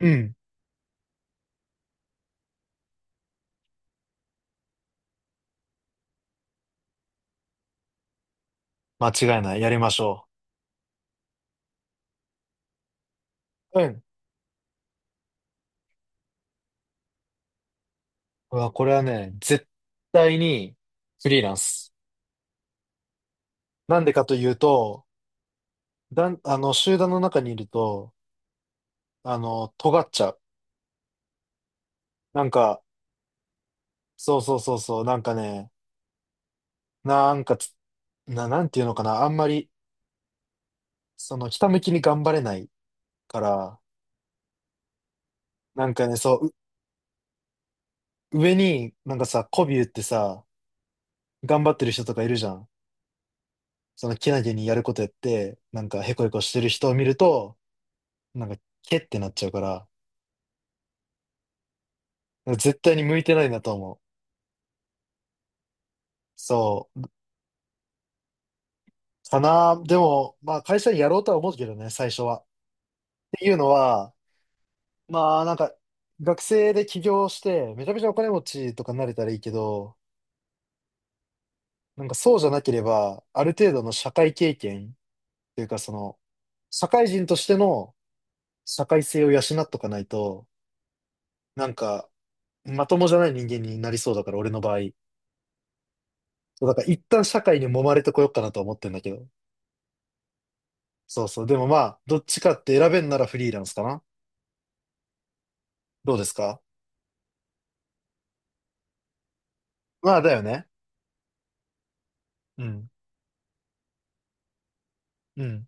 うん。間違いない。やりましょう。うん。うわ、これはね、絶対にフリーランス。なんでかというと、だん、あの、集団の中にいると、尖っちゃう。なんか、そうそうそうそう、なんかね、なんかつな、なんていうのかな、あんまり、その、ひたむきに頑張れないから、そう、上に、なんかさ、媚び売ってさ、頑張ってる人とかいるじゃん。その、けなげにやることやって、へこへこしてる人を見ると、なんか、けってなっちゃうから、絶対に向いてないなと思う。そう。かな。でも、まあ会社にやろうとは思うけどね、最初は。っていうのは、まあなんか、学生で起業して、めちゃめちゃお金持ちとかになれたらいいけど、なんかそうじゃなければ、ある程度の社会経験っていうかその、社会人としての社会性を養っとかないと、なんか、まともじゃない人間になりそうだから、俺の場合。そうだから一旦社会に揉まれてこようかなとは思ってんだけど。そうそう。でもまあ、どっちかって選べんならフリーランスかな。どうですか？まあ、だよね。うん。うん。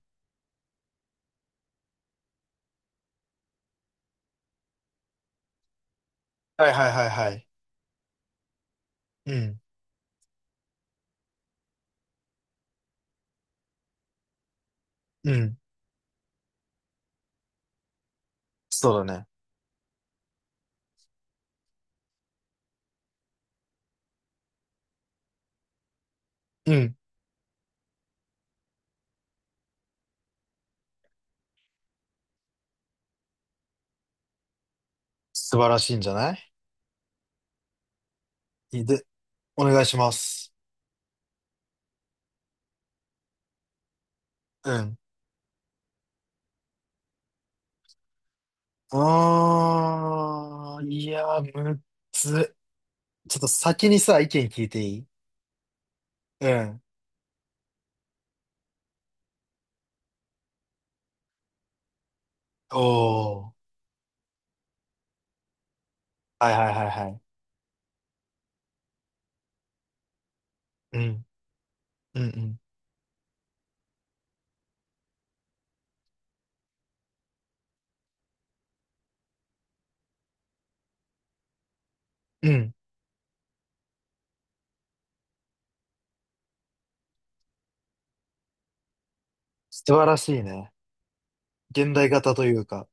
はいはいはいはい。うん。うん。そうだね。うん。素晴らしいんじゃない？いいで、お願いします。うん。あー、いやー、むっつ。ちょっと先にさ、意見聞いていい？うん。おー。はいはいはいはい。うん。うんうん。うん。素晴らしいね。現代型というか。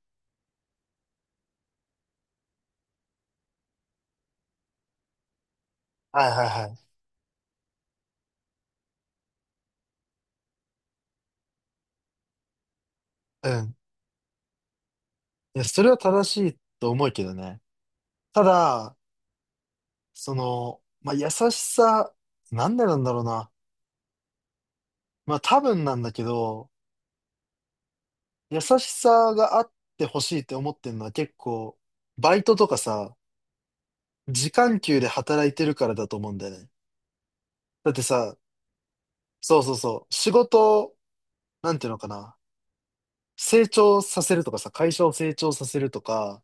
はいはいはい。うん。いや、それは正しいと思うけどね。ただ、その、まあ、優しさ、なんでなんだろうな。まあ、多分なんだけど、優しさがあってほしいって思ってるのは結構、バイトとかさ、時間給で働いてるからだと思うんだよね。だってさ、そう、仕事を、なんていうのかな、成長させるとかさ、会社を成長させるとか、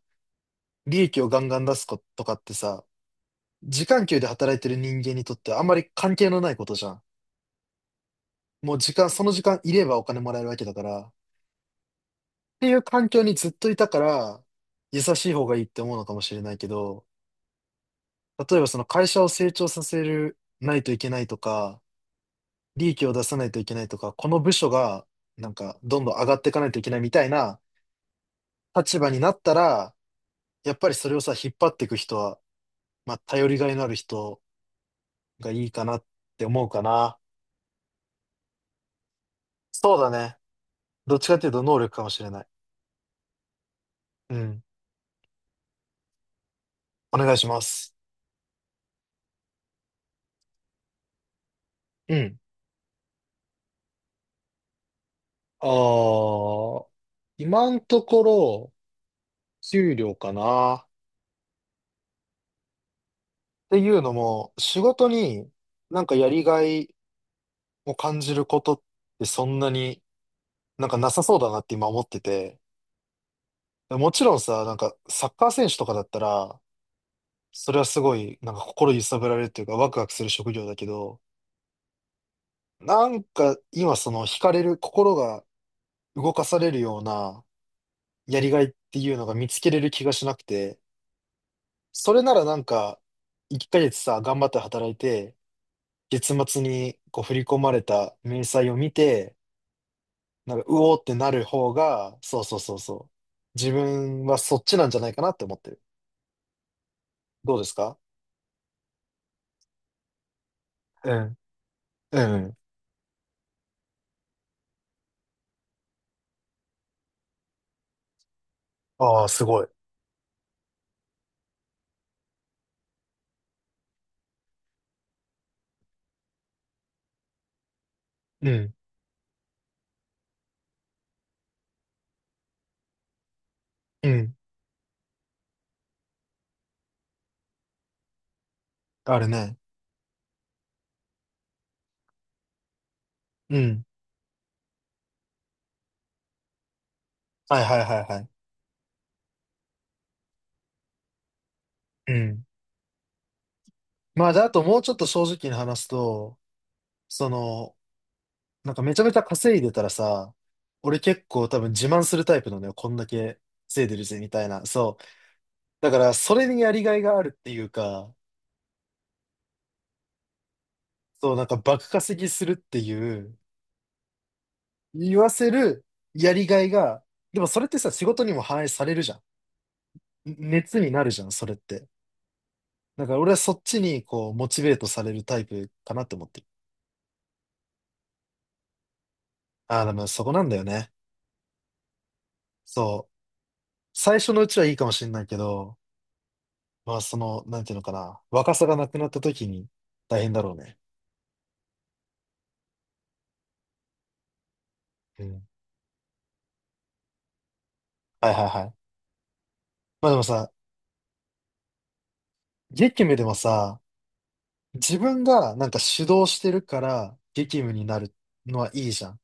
利益をガンガン出すことかってさ、時間給で働いてる人間にとってはあんまり関係のないことじゃん。もう時間、その時間いればお金もらえるわけだから、ていう環境にずっといたから、優しい方がいいって思うのかもしれないけど、例えばその会社を成長させるないといけないとか、利益を出さないといけないとか、この部署がなんかどんどん上がっていかないといけないみたいな立場になったら、やっぱりそれをさ、引っ張っていく人は、まあ、頼りがいのある人がいいかなって思うかな。そうだね。どっちかっていうと能力かもしれない。うん。お願いします。うん。ああ、今のところ、給料かな。っていうのも、仕事にやりがいを感じることってそんなになさそうだなって今思ってて。もちろんさ、なんかサッカー選手とかだったら、それはすごいなんか心揺さぶられるというかワクワクする職業だけど、なんか今その惹かれる、心が動かされるようなやりがいっていうのが見つけれる気がしなくて、それならなんか1ヶ月さ、頑張って働いて、月末にこう振り込まれた明細を見て、なんか、うおーってなる方が、そうそうそうそう。自分はそっちなんじゃないかなって思ってる。どうですか？うん。うん。ああ、すごい。うん。うん。あるね。うん。はいはいはいはい。うん。まあ、じゃあ、あともうちょっと正直に話すと、その、なんかめちゃめちゃ稼いでたらさ、俺結構多分自慢するタイプなのよ。こんだけ稼いでるぜ、みたいな。そう。だから、それにやりがいがあるっていうか、そう、なんか爆稼ぎするっていう、言わせるやりがいが、でもそれってさ、仕事にも反映されるじゃん。熱になるじゃん、それって。だから俺はそっちにこう、モチベートされるタイプかなって思ってる。ああ、でもそこなんだよね。そう。最初のうちはいいかもしれないけど、まあその、なんていうのかな、若さがなくなった時に大変だろうね。うん。はいはいはい。まあでもさ、激務でもさ、自分がなんか主導してるから激務になるのはいいじゃん。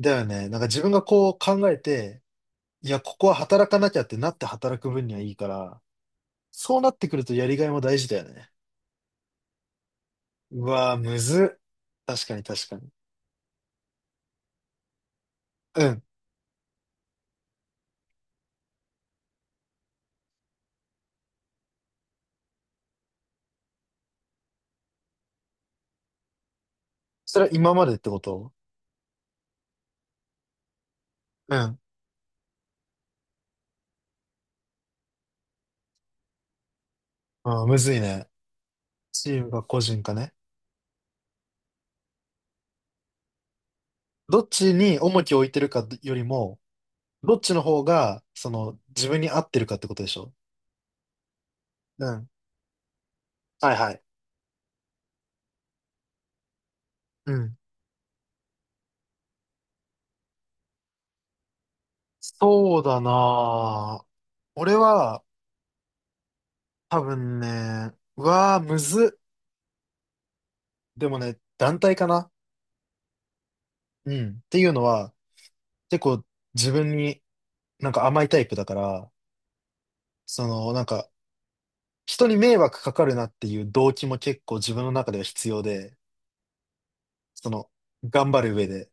だよね。なんか自分がこう考えて、いや、ここは働かなきゃってなって働く分にはいいから、そうなってくるとやりがいも大事だよね。うわぁ、むずっ。確かに確かに。うん。それは今までってこと？うん。あーむずいね。チームか個人かね。どっちに重きを置いてるかよりも、どっちの方が、その、自分に合ってるかってことでしょ？うん。はいはい。うん。そうだなぁ。俺は、多分ね、うわぁ、むずっ。でもね、団体かな。うん。っていうのは、結構自分に甘いタイプだから、そのなんか人に迷惑かかるなっていう動機も結構自分の中では必要で、その頑張る上で。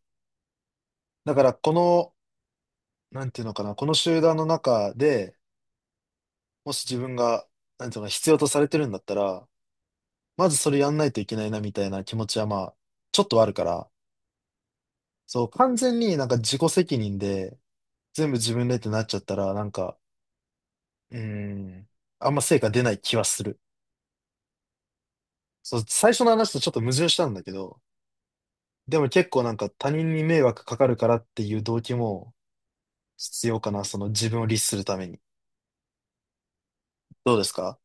だからこの、なんていうのかな、この集団の中で、もし自分が、なんていうのか必要とされてるんだったら、まずそれやんないといけないなみたいな気持ちはまあ、ちょっとはあるから、そう、完全になんか自己責任で全部自分でってなっちゃったら、うん。あんま成果出ない気はする。そう、最初の話とちょっと矛盾したんだけど、でも結構なんか他人に迷惑かかるからっていう動機も必要かな、その自分を律するために。どうですか？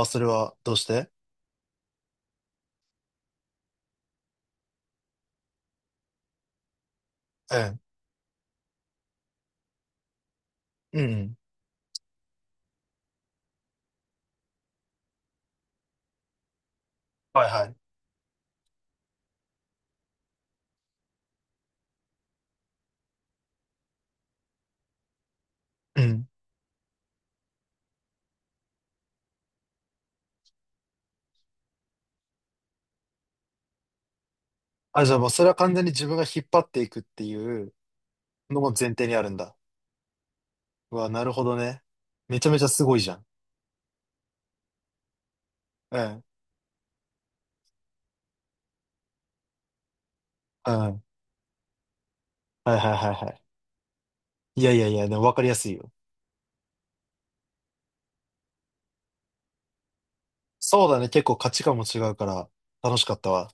ああ、それはどうして？ええ。うんうん。はいはい。うん。あ、じゃあもうそれは完全に自分が引っ張っていくっていうのも前提にあるんだ。うわ、なるほどね。めちゃめちゃすごいじゃん。ええ。うん。はいはいはいはい。いやいやいや、でも分かりやすいよ。そうだね、結構価値観も違うから楽しかったわ。